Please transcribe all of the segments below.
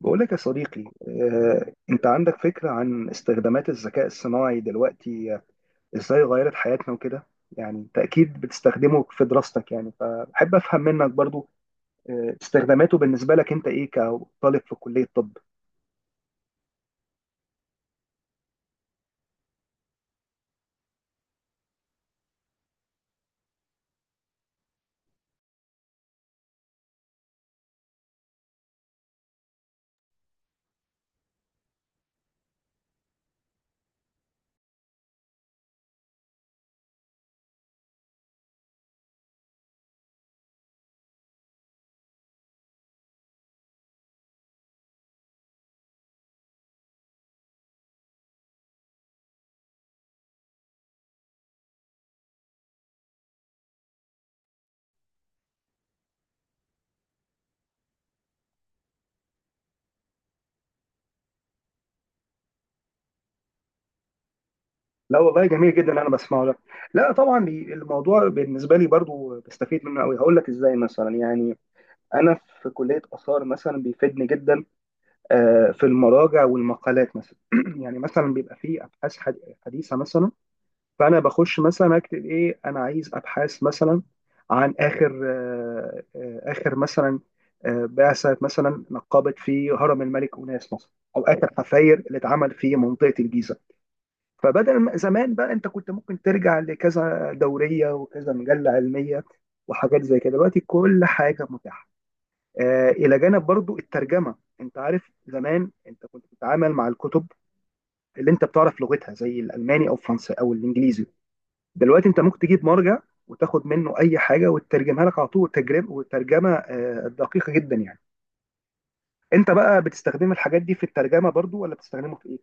بقول لك يا صديقي، انت عندك فكرة عن استخدامات الذكاء الصناعي دلوقتي، ازاي غيرت حياتنا وكده. يعني انت اكيد بتستخدمه في دراستك، يعني فبحب افهم منك برضو استخداماته بالنسبة لك انت ايه كطالب في كلية طب؟ لا والله، جميل جدا، انا بسمعه لك. لا طبعا، الموضوع بالنسبة لي برضو بستفيد منه قوي. هقول لك ازاي مثلا يعني، انا في كلية آثار مثلا بيفيدني جدا في المراجع والمقالات مثلا. يعني مثلا بيبقى فيه ابحاث حديثة مثلا. فانا بخش مثلا اكتب ايه: انا عايز ابحاث مثلا عن اخر اخر مثلا، بعثه مثلا نقبت في هرم الملك اوناس مثلا، او اخر حفاير اللي اتعمل في منطقه الجيزه. فبدل ما- زمان بقى انت كنت ممكن ترجع لكذا دوريه وكذا مجله علميه وحاجات زي كده. دلوقتي كل حاجه متاحه، الى جانب برضو الترجمه. انت عارف، زمان انت كنت بتتعامل مع الكتب اللي انت بتعرف لغتها زي الالماني او الفرنسي او الانجليزي. دلوقتي انت ممكن تجيب مرجع وتاخد منه اي حاجه وتترجمها لك على طول، تجربه وترجمه دقيقه جدا يعني. انت بقى بتستخدم الحاجات دي في الترجمه برضو، ولا بتستخدمه في ايه؟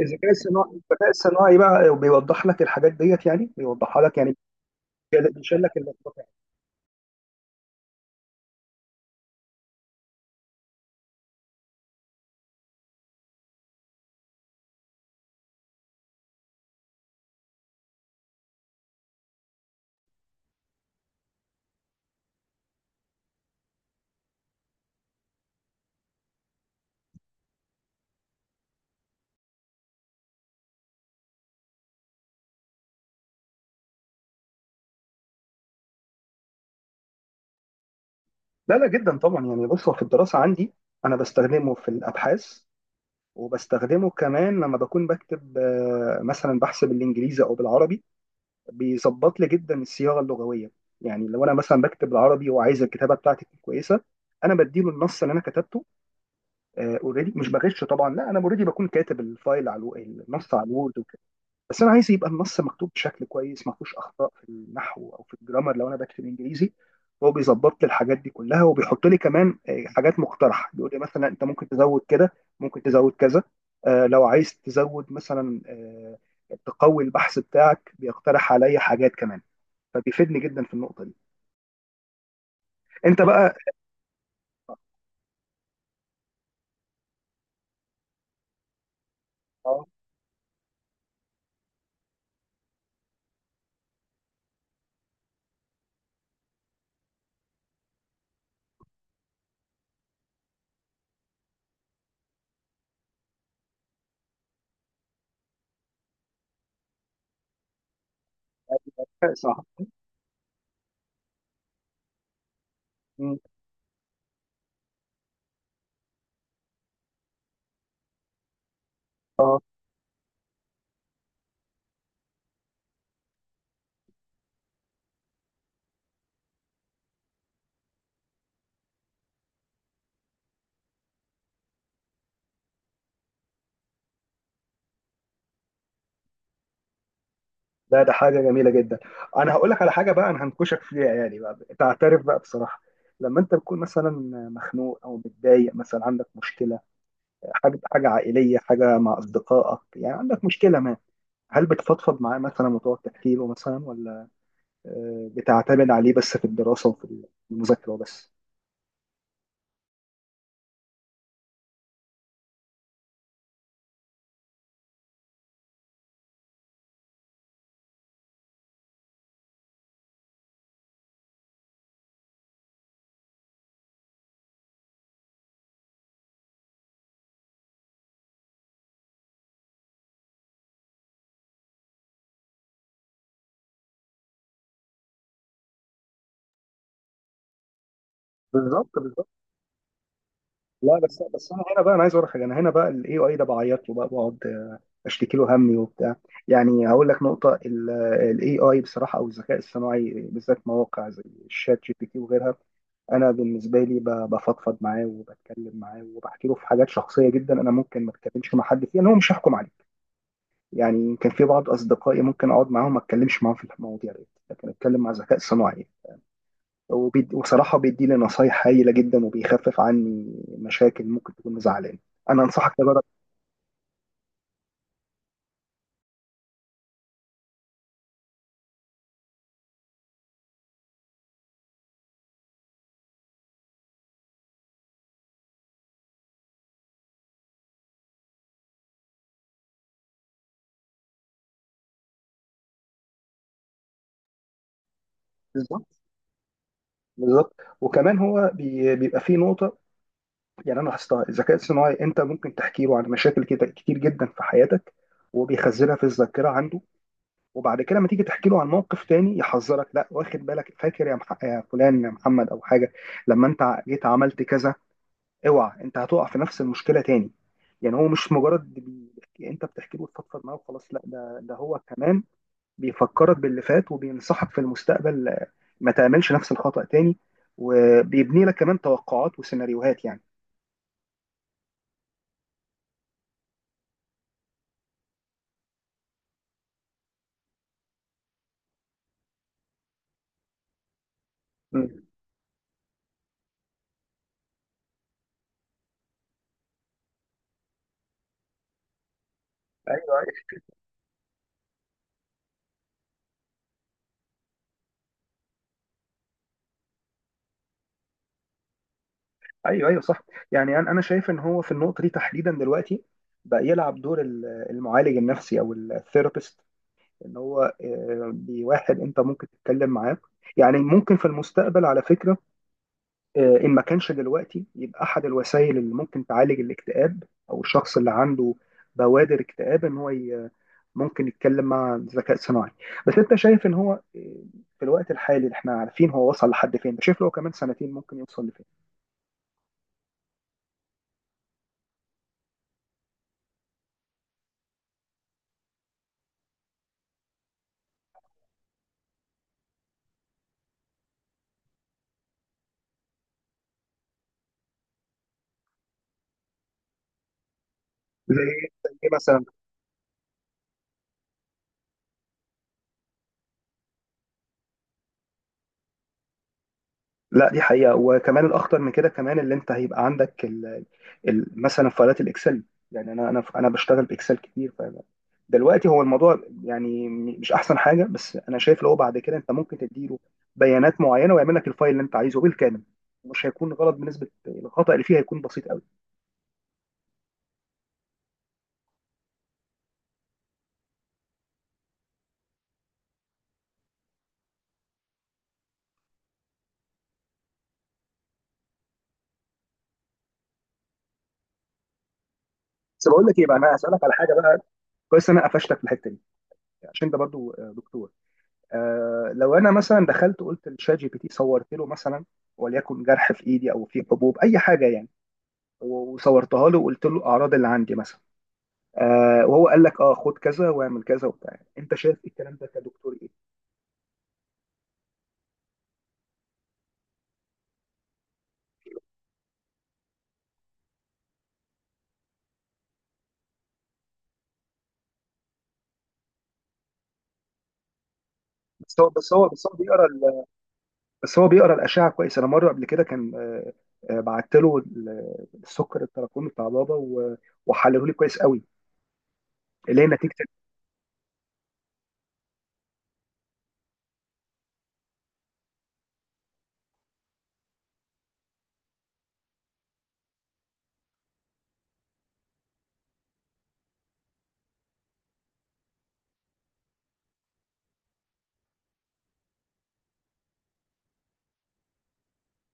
الذكاء الصناعي، الذكاء الصناعي بقى بيوضح لك الحاجات ديت، يعني بيوضحها لك، يعني بيشيل لك اللخبطه يعني. لا، لا، جدا طبعا يعني. بص، هو في الدراسه عندي انا بستخدمه في الابحاث، وبستخدمه كمان لما بكون بكتب مثلا بحث بالانجليزي او بالعربي، بيظبط لي جدا الصياغه اللغويه. يعني لو انا مثلا بكتب العربي وعايز الكتابه بتاعتي تكون كويسه، انا بديله النص اللي انا كتبته. اوريدي مش بغش طبعا، لا، انا اوريدي بكون كاتب الفايل على النص على الوورد وكده، بس انا عايز يبقى النص مكتوب بشكل كويس ما فيهوش اخطاء في النحو او في الجرامر لو انا بكتب انجليزي. هو بيظبط لي الحاجات دي كلها، وبيحط لي كمان حاجات مقترحه. بيقول لي مثلا انت ممكن تزود كده، ممكن تزود كذا، لو عايز تزود مثلا، تقوي البحث بتاعك، بيقترح عليا حاجات كمان. فبيفيدني جدا في النقطه دي. انت بقى؟ اه. أيوة، صح. مم. اه. لا، ده حاجه جميله جدا. انا هقول لك على حاجه بقى، انا هنكشك فيها يعني، بقى تعترف بقى بصراحه. لما انت بتكون مثلا مخنوق او متضايق مثلا عندك مشكله، حاجه حاجه عائليه، حاجه مع اصدقائك، يعني عندك مشكله ما، هل بتفضفض معاه مثلا وتقعد تحكي له مثلا، ولا بتعتمد عليه بس في الدراسه وفي المذاكره وبس؟ بالظبط، بالظبط. لا، بس انا هنا بقى، انا عايز اقول لك حاجه. انا هنا بقى الاي اي ده بعيط له بقى، بقعد اشتكي له همي وبتاع. يعني هقول لك نقطه، الاي اي بصراحه او الذكاء الصناعي بالذات، مواقع زي الشات جي بي تي وغيرها، انا بالنسبه لي بفضفض معاه وبتكلم معاه وبحكي له في حاجات شخصيه جدا، انا ممكن ما اتكلمش مع حد فيها لان هو مش هيحكم عليك. يعني كان في بعض اصدقائي ممكن اقعد معاهم ما اتكلمش معاهم في المواضيع دي، لكن اتكلم مع ذكاء صناعي. وصراحه بيدي لي نصايح هايله جدا، وبيخفف عني مشاكل ممكن تكون مزعلاني. انا انصحك تجرب. بالظبط، بالظبط. وكمان هو بيبقى فيه نقطه، يعني انا لاحظتها، الذكاء الصناعي انت ممكن تحكي له عن مشاكل كده كتير جدا في حياتك، وهو بيخزنها في الذاكره عنده. وبعد كده لما تيجي تحكي له عن موقف تاني، يحذرك: لا، واخد بالك، فاكر يا فلان، يا محمد او حاجه، لما انت جيت عملت كذا، اوعى انت هتقع في نفس المشكله تاني. يعني هو مش مجرد انت بتحكي له وتفضفض معاه وخلاص. لا، ده هو كمان بيفكرك باللي فات، وبينصحك في المستقبل ما تعملش نفس الخطأ تاني، وبيبني لك كمان توقعات وسيناريوهات يعني. مم. ايوه، ايوه، ايوه، صح. يعني انا شايف ان هو في النقطه دي تحديدا دلوقتي بقى يلعب دور المعالج النفسي او الثيرابيست. ان هو بواحد انت ممكن تتكلم معاه. يعني ممكن في المستقبل على فكره، ان ما كانش دلوقتي، يبقى احد الوسائل اللي ممكن تعالج الاكتئاب، او الشخص اللي عنده بوادر اكتئاب، ان هو ممكن يتكلم مع ذكاء صناعي. بس انت شايف ان هو في الوقت الحالي اللي احنا عارفين هو وصل لحد فين، شايف لو كمان سنتين ممكن يوصل لفين؟ زي إيه؟ زي إيه مثلا؟ لا، دي حقيقة. وكمان الأخطر من كده كمان، اللي أنت هيبقى عندك ال مثلا فايلات الإكسل. يعني أنا بشتغل بإكسل كتير. ف دلوقتي هو الموضوع يعني مش أحسن حاجة، بس أنا شايف لو بعد كده أنت ممكن تديله بيانات معينة ويعمل لك الفايل اللي أنت عايزه بالكامل، مش هيكون غلط، بنسبة الخطأ اللي فيه هيكون بسيط قوي. بس بقول لك إيه بقى، أنا هسألك على حاجة بقى. كويس إن أنا قفشتك في الحتة دي عشان أنت برضو دكتور. لو انا مثلا دخلت قلت لشات جي بي تي، صورت له مثلا وليكن جرح في ايدي او في حبوب، اي حاجه يعني، وصورتها له وقلت له الاعراض اللي عندي مثلا، وهو قال لك: اه، خد كذا واعمل كذا وبتاع، انت شايف الكلام ده كدكتور ايه؟ بس هو بيقرا الاشعه كويس. انا مره قبل كده كان بعت له السكر التراكمي بتاع بابا وحلله لي كويس قوي، اللي هي نتيجه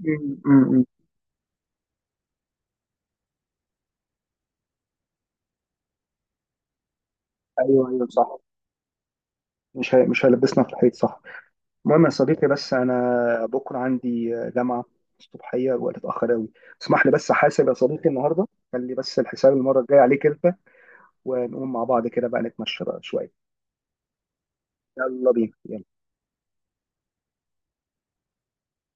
م- م- م. ايوه، ايوه، صح. مش هيلبسنا في الحيط، صح. المهم يا صديقي، بس انا بكره عندي جامعه الصبحيه، الوقت اتاخر قوي، اسمح لي بس احاسب يا صديقي النهارده، خلي بس الحساب المره الجايه عليك انت، ونقوم مع بعض كده بقى نتمشى بقى شويه. يلا بينا، يلا.